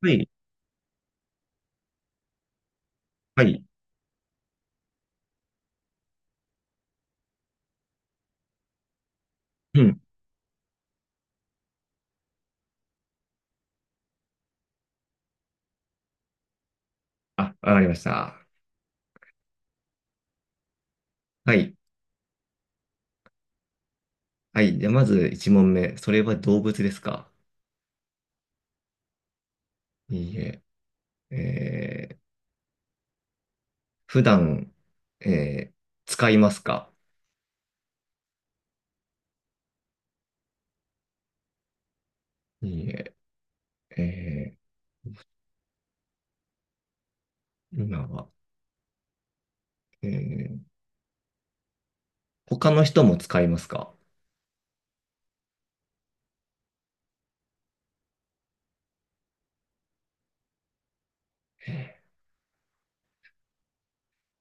はい。はい。うん。あ、わかりました。はい。はい。じゃあ、まず1問目。それは動物ですか？いいえ。えー、普段、えー、使いますか？いいえ。え今は、えー、他の人も使いますか？え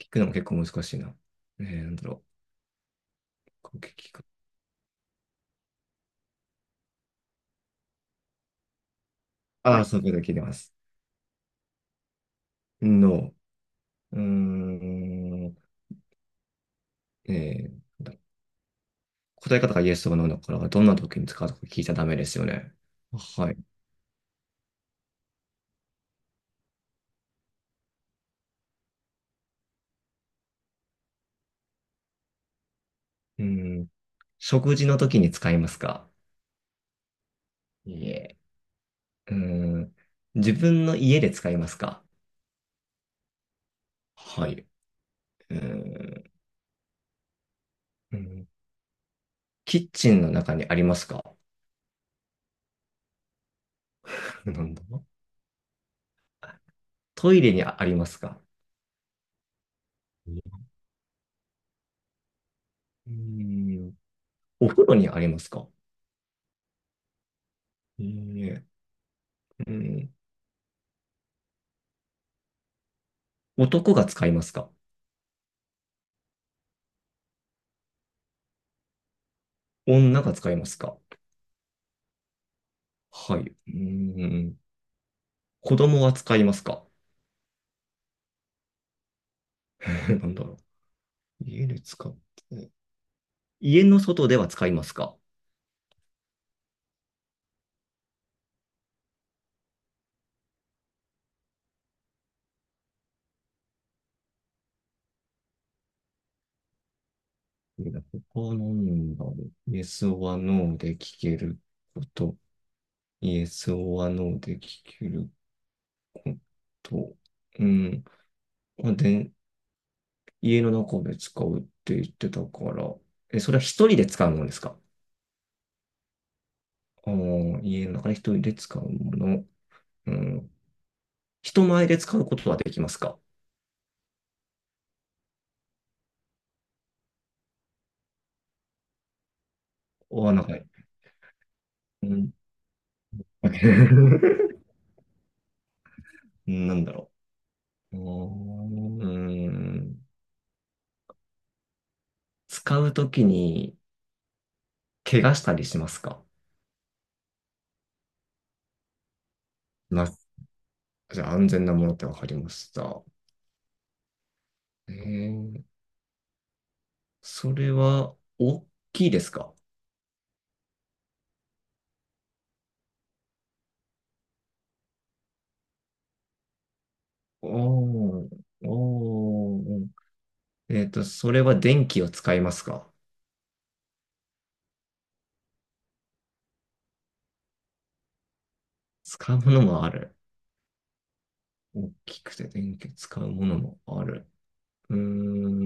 聞くのも結構難しいな。なんだろう。こう聞く。ああ、そういうこと聞いてます。No。 うーん。なんだろう、答え方がイエスとかノーだから、どんな時に使うとか聞いちゃダメですよね。はい。うーん。食事の時に使いますか？いえ。ううん。自分の家で使いますか？はい。うーん、うん、キッチンの中にありますか？ なんだ、トイレにありますか？うーん、お風呂にありますか？いいえ。うん、男が使いますか？女が使いますか？はい。うーん、子供は使いますか？ なんだろう、家で使って。家の外では使いますか？ここなんだ、バーで Yes or No で聞けること、Yes or No で聞けること、うん、まあ、で、家の中で使うって言ってたから、え、それは一人で使うものですか？あー、家の中で一人で使うもの、うん、人前で使うことはできますか？お、なんか、うん、なんだろう。おー、うーん、使うときに怪我したりしますか？じゃあ、安全なものってわかりました。えー、それは大きいですか？おー、おー、それは電気を使いますか？使うものもある。大きくて電気を使うものもある。うーん、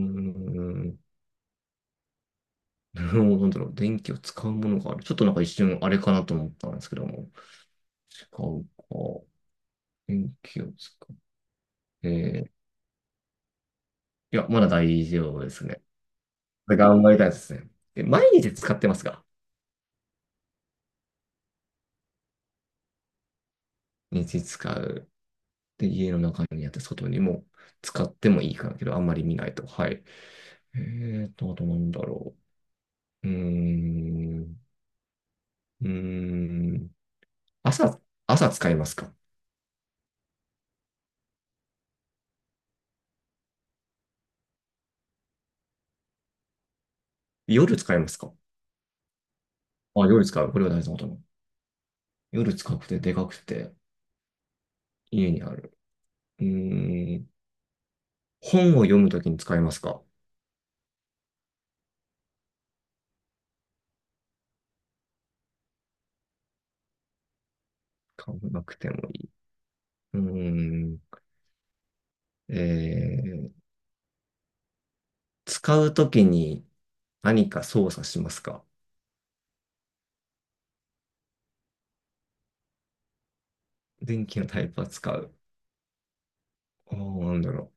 うん、なんだろう、電気を使うものがある。ちょっとなんか一瞬あれかなと思ったんですけども。使うか。電気を使う。いや、まだ大丈夫ですね。頑張りたいですね。毎日使ってますか？日使う。で、家の中にあって外にも使ってもいいからけど、あんまり見ないと。はい。えあとなんだろう。うーん。うーん。朝、朝使いますか？夜使いますか？あ、夜使う。これは大事なことなの。夜使くてでかくて家にある。うーん。本を読むときに使いますか？買わなくてもいい。うーん。えー、使うときに何か操作しますか？電気のタイプは使う。ああ、なんだろ、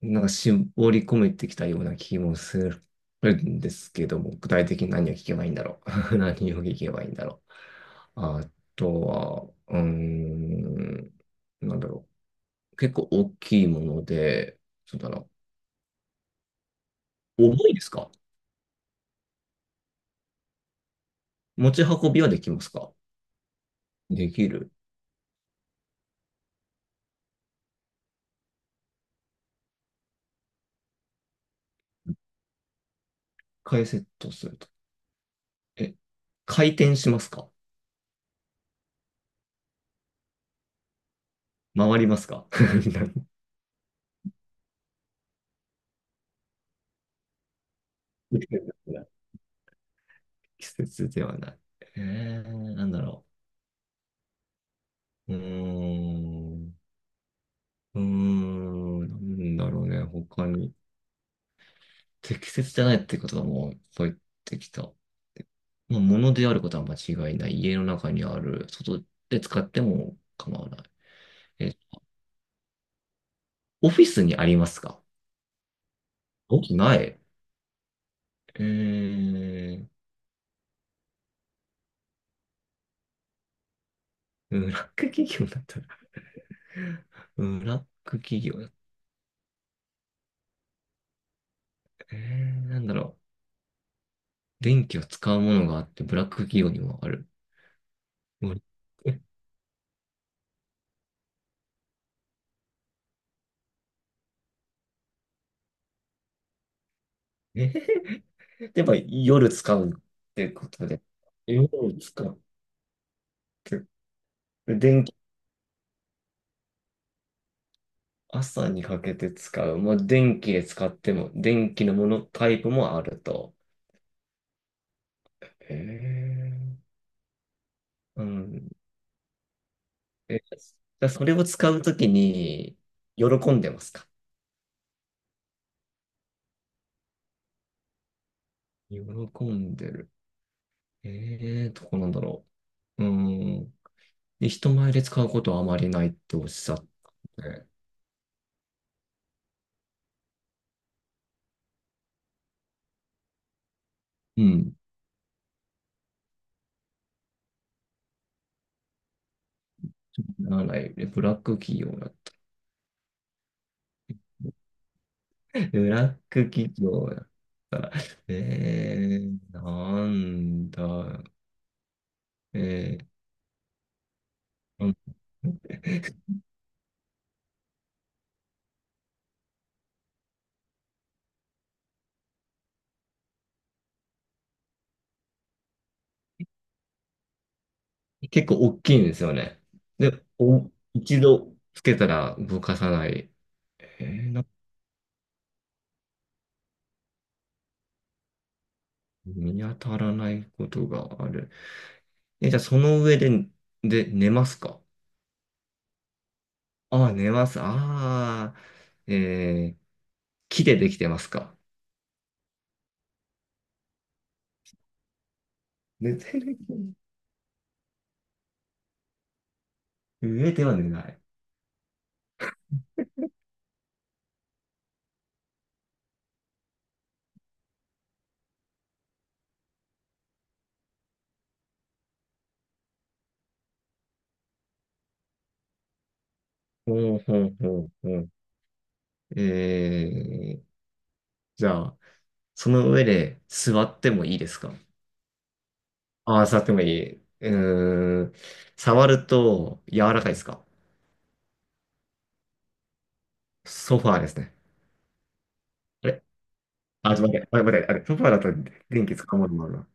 なんか絞り込めてきたような気もするんですけども、具体的に何を聞けばいいんだろう。何を聞けばいいんだろう。あとは、うーん、なんだろう。結構大きいもので、そうだな。重いですか？持ち運びはできますか？できる。一回セットすると。え、回転しますか？回りますか？ 季節ではない。なんだろう。うーん。うーん、なんだろうね、他に。適切じゃないってことはもう入ってきた。まあ、物であることは間違いない。家の中にある。外で使っても構わない。え、オフィスにありますか？おない。えー、ブラック企業だったら。 ブラック企業だった。なんだろう。電気を使うものがあって、ブラック企業にもある。うん、え、えー やっぱ夜使うってことで。夜使う。つ電気、朝にかけて使う。まあ、電気で使っても、電気のものタイプもあると。へえ。うん。え、じゃあそれを使うときに、喜んでますか？喜んでる。ええ、どこなんだろう。うん。で、人前で使うことはあまりないっておっしゃったね。うん。ならない。えブラック企業だ。ブラック企業だったら。ええ、なんだ。え、うん。 結構大きいんですよね。で、お、一度つけたら動かさない。なんか見当たらないことがある。え、じゃあその上で、で、寝ますか？ああ、寝ます。ああ、えー、木でできてますか？寝てる、上では寝ない。ほうほうほうほう。えー、じゃあ、その上で座ってもいいですか？ああ、触ってもいい。うーん。触ると柔らかいですか？ソファーですね。あれ、あ、ちょっと待って、あれ、待って、あれ、ソファーだと電気使うものもあるな。